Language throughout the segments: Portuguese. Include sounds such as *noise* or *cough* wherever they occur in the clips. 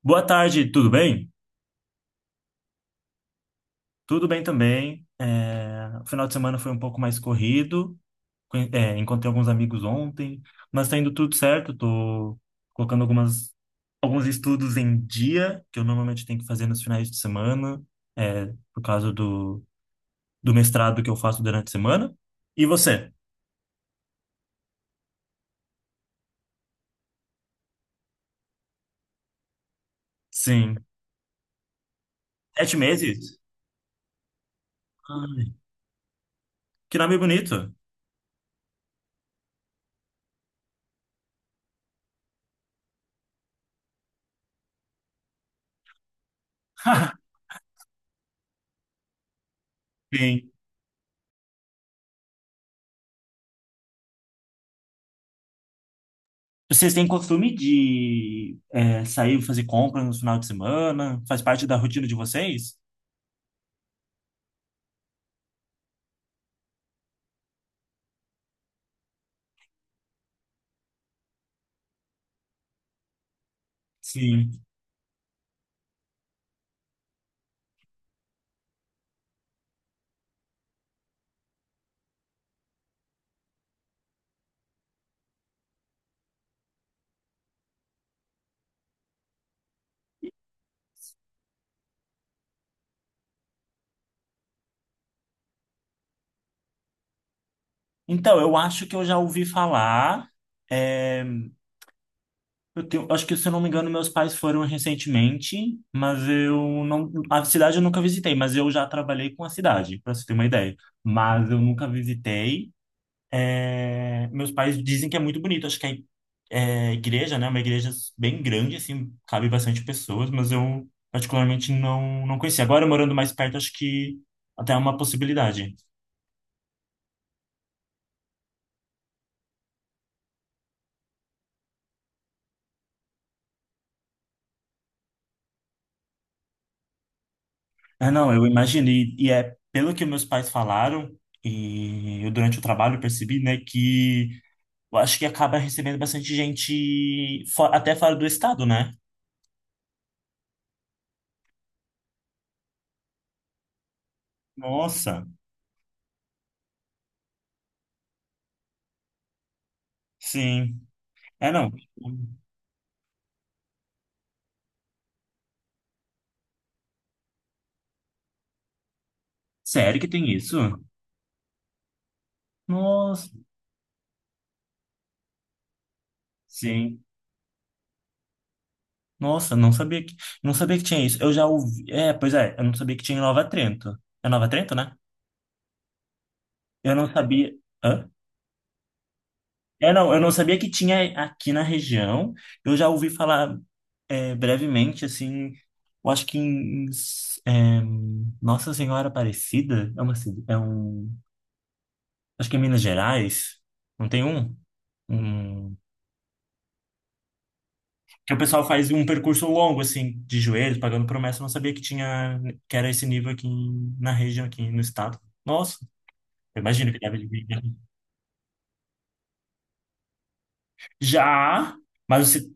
Boa tarde, tudo bem? Tudo bem também. O final de semana foi um pouco mais corrido. Encontrei alguns amigos ontem, mas tá indo tudo certo. Tô colocando alguns estudos em dia, que eu normalmente tenho que fazer nos finais de semana, é, por causa do mestrado que eu faço durante a semana. E você? Sim. Sete meses? Ai, que nome bonito. *laughs* Sim. Vocês têm costume de sair fazer compras no final de semana? Faz parte da rotina de vocês? Sim. Então, eu acho que eu já ouvi falar. é, eu acho que, se eu não me engano, meus pais foram recentemente, mas eu não. A cidade eu nunca visitei, mas eu já trabalhei com a cidade, para você ter uma ideia. Mas eu nunca visitei. É, meus pais dizem que é muito bonito. Acho que é igreja, né? Uma igreja bem grande, assim, cabe bastante pessoas, mas eu particularmente não conhecia. Agora, morando mais perto, acho que até é uma possibilidade. Ah, não, eu imagino. E é pelo que meus pais falaram, e eu durante o trabalho percebi, né, que eu acho que acaba recebendo bastante gente até fora do estado, né? Nossa, sim. É, não. Sério que tem isso? Nossa, sim. Nossa, não sabia que tinha isso. Eu já ouvi. É, pois é, eu não sabia que tinha em Nova Trento. É Nova Trento, né? Eu não sabia. Hã? É, não, eu não sabia que tinha aqui na região. Eu já ouvi falar brevemente, assim. Eu acho que em é, Nossa Senhora Aparecida é uma é um. Acho que é Minas Gerais. Não tem um? Um, que o pessoal faz um percurso longo, assim, de joelhos, pagando promessa. Eu não sabia que que era esse nível aqui na região, aqui no estado. Nossa. Eu imagino que deve vir. Já, mas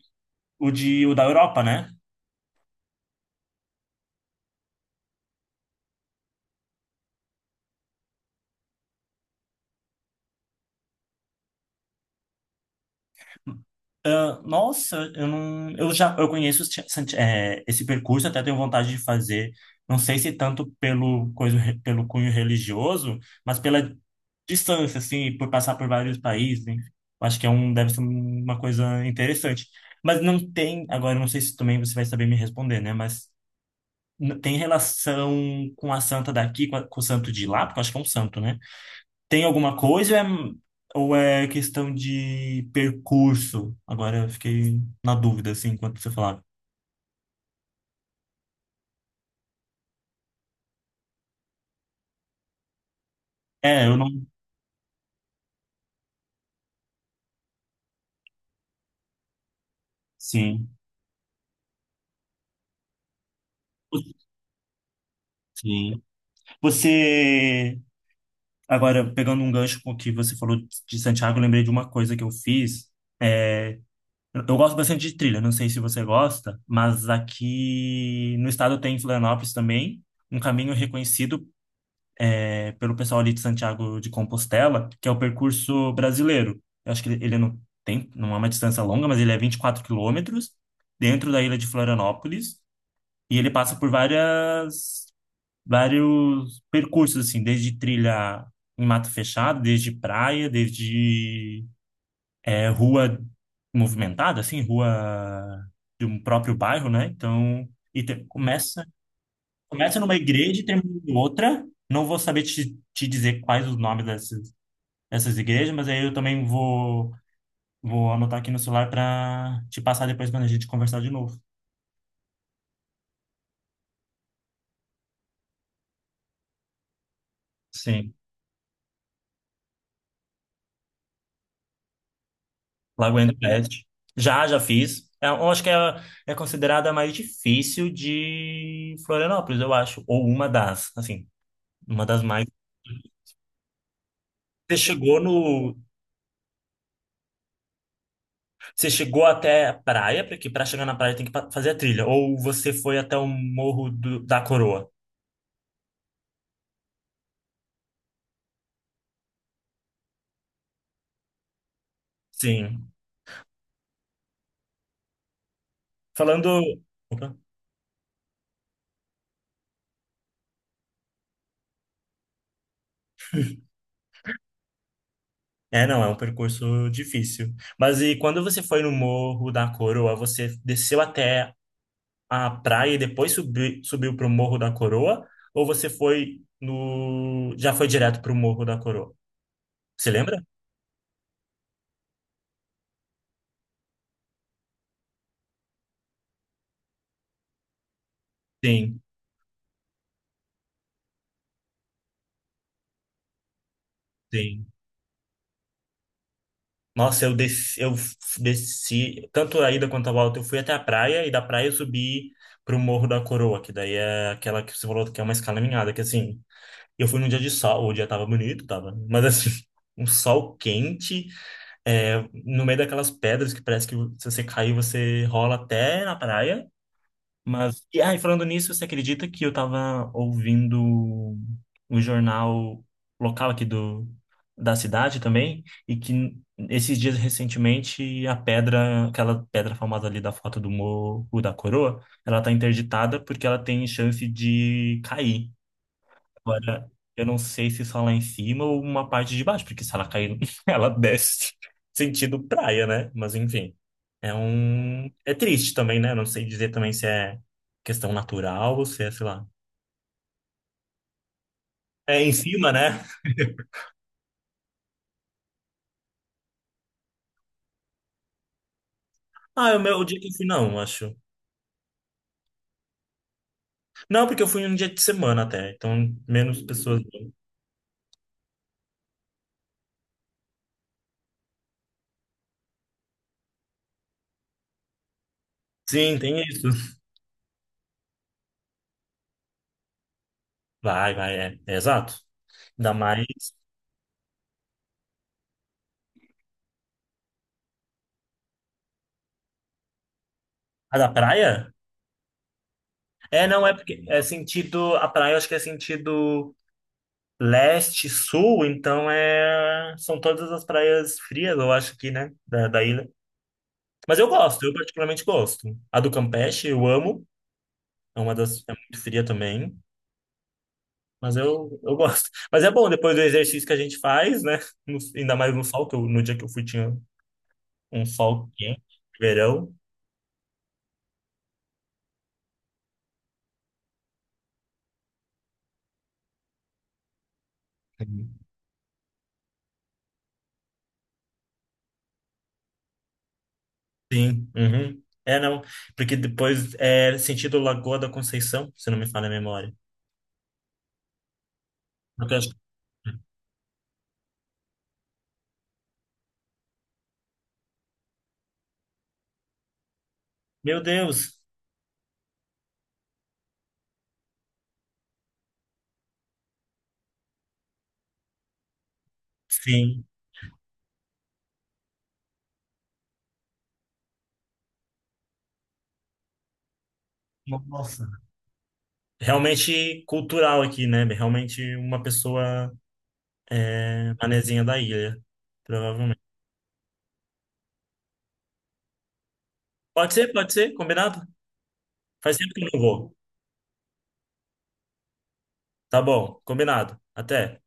o da Europa, né? Ah, nossa, eu não, eu já, eu conheço os ti- Santi- eh, esse percurso, até tenho vontade de fazer. Não sei se tanto pelo coisa, pelo cunho religioso, mas pela distância, assim, por passar por vários países. Enfim. Eu acho que é um, deve ser uma coisa interessante. Mas não tem, agora eu não sei se também você vai saber me responder, né? Mas tem relação com a santa daqui, com o santo de lá, porque eu acho que é um santo, né? Tem alguma coisa ou é questão de percurso? Agora eu fiquei na dúvida, assim, enquanto você falava. É, eu não. Sim. Sim. Você. Agora, pegando um gancho com o que você falou de Santiago, eu lembrei de uma coisa que eu fiz. É, eu gosto bastante de trilha, não sei se você gosta, mas aqui no estado tem em Florianópolis também um caminho reconhecido pelo pessoal ali de Santiago de Compostela, que é o percurso brasileiro. Eu acho que ele não tem, não é uma distância longa, mas ele é 24 quilômetros dentro da ilha de Florianópolis e ele passa por vários percursos, assim, desde trilha em mato fechado, desde praia, desde rua movimentada, assim, rua de um próprio bairro, né? Então, começa, começa numa igreja e termina em outra. Não vou saber te dizer quais os nomes das, essas igrejas, mas aí eu também vou anotar aqui no celular para te passar depois quando a gente conversar de novo. Sim, Lagoinha do Pet. Já, já fiz. É, eu acho que é considerada a mais difícil de Florianópolis, eu acho. Ou uma das, assim, uma das mais. Você chegou no. Você chegou até a praia, porque para chegar na praia tem que fazer a trilha. Ou você foi até o Morro da Coroa. Sim. Falando. Opa. É, não, é um percurso difícil. Mas e quando você foi no Morro da Coroa, você desceu até a praia e depois subiu para o Morro da Coroa? Ou você foi no... já foi direto para o Morro da Coroa? Você lembra? Sim, sim. Nossa, eu desci, eu f- desci, tanto a ida quanto a volta, eu fui até a praia e da praia eu subi para o Morro da Coroa, que daí é aquela que você falou que é uma escalaminhada, que assim, eu fui num dia de sol, o dia tava bonito, tava, mas assim, *laughs* um sol quente. É, no meio daquelas pedras que parece que se você cair, você rola até na praia. Mas, e aí, falando nisso, você acredita que eu tava ouvindo o jornal local aqui da cidade também? E que esses dias recentemente aquela pedra famosa ali da foto do Morro da Coroa, ela tá interditada porque ela tem chance de cair. Agora, eu não sei se só lá em cima ou uma parte de baixo, porque se ela cair, *laughs* ela desce sentido praia, né? Mas enfim, é um... É triste também, né? Não sei dizer também se é questão natural ou se é, sei lá... É em cima, né? *laughs* Ah, é o meu o dia que eu fui, não, acho. Não, porque eu fui um dia de semana até, então menos pessoas. Sim, tem isso. É, é exato. Ainda mais. A da praia? É, não, é porque é sentido. A praia eu acho que é sentido. Leste, sul, então é... são todas as praias frias, eu acho aqui, né? Da ilha. Mas eu gosto, eu particularmente gosto. A do Campeche eu amo, é uma das... é muito fria também, mas eu gosto. Mas é bom, depois do exercício que a gente faz, né? Ainda mais no sol, no dia que eu fui tinha um sol quente, verão. Sim, uhum. É, não, porque depois é sentido Lagoa da Conceição, se não me falha a memória. Porque eu acho que- Meu Deus! Sim. Nossa. Realmente cultural aqui, né? Realmente uma pessoa manezinha da ilha, provavelmente. Pode ser, combinado? Faz tempo que eu não vou. Tá bom, combinado. Até.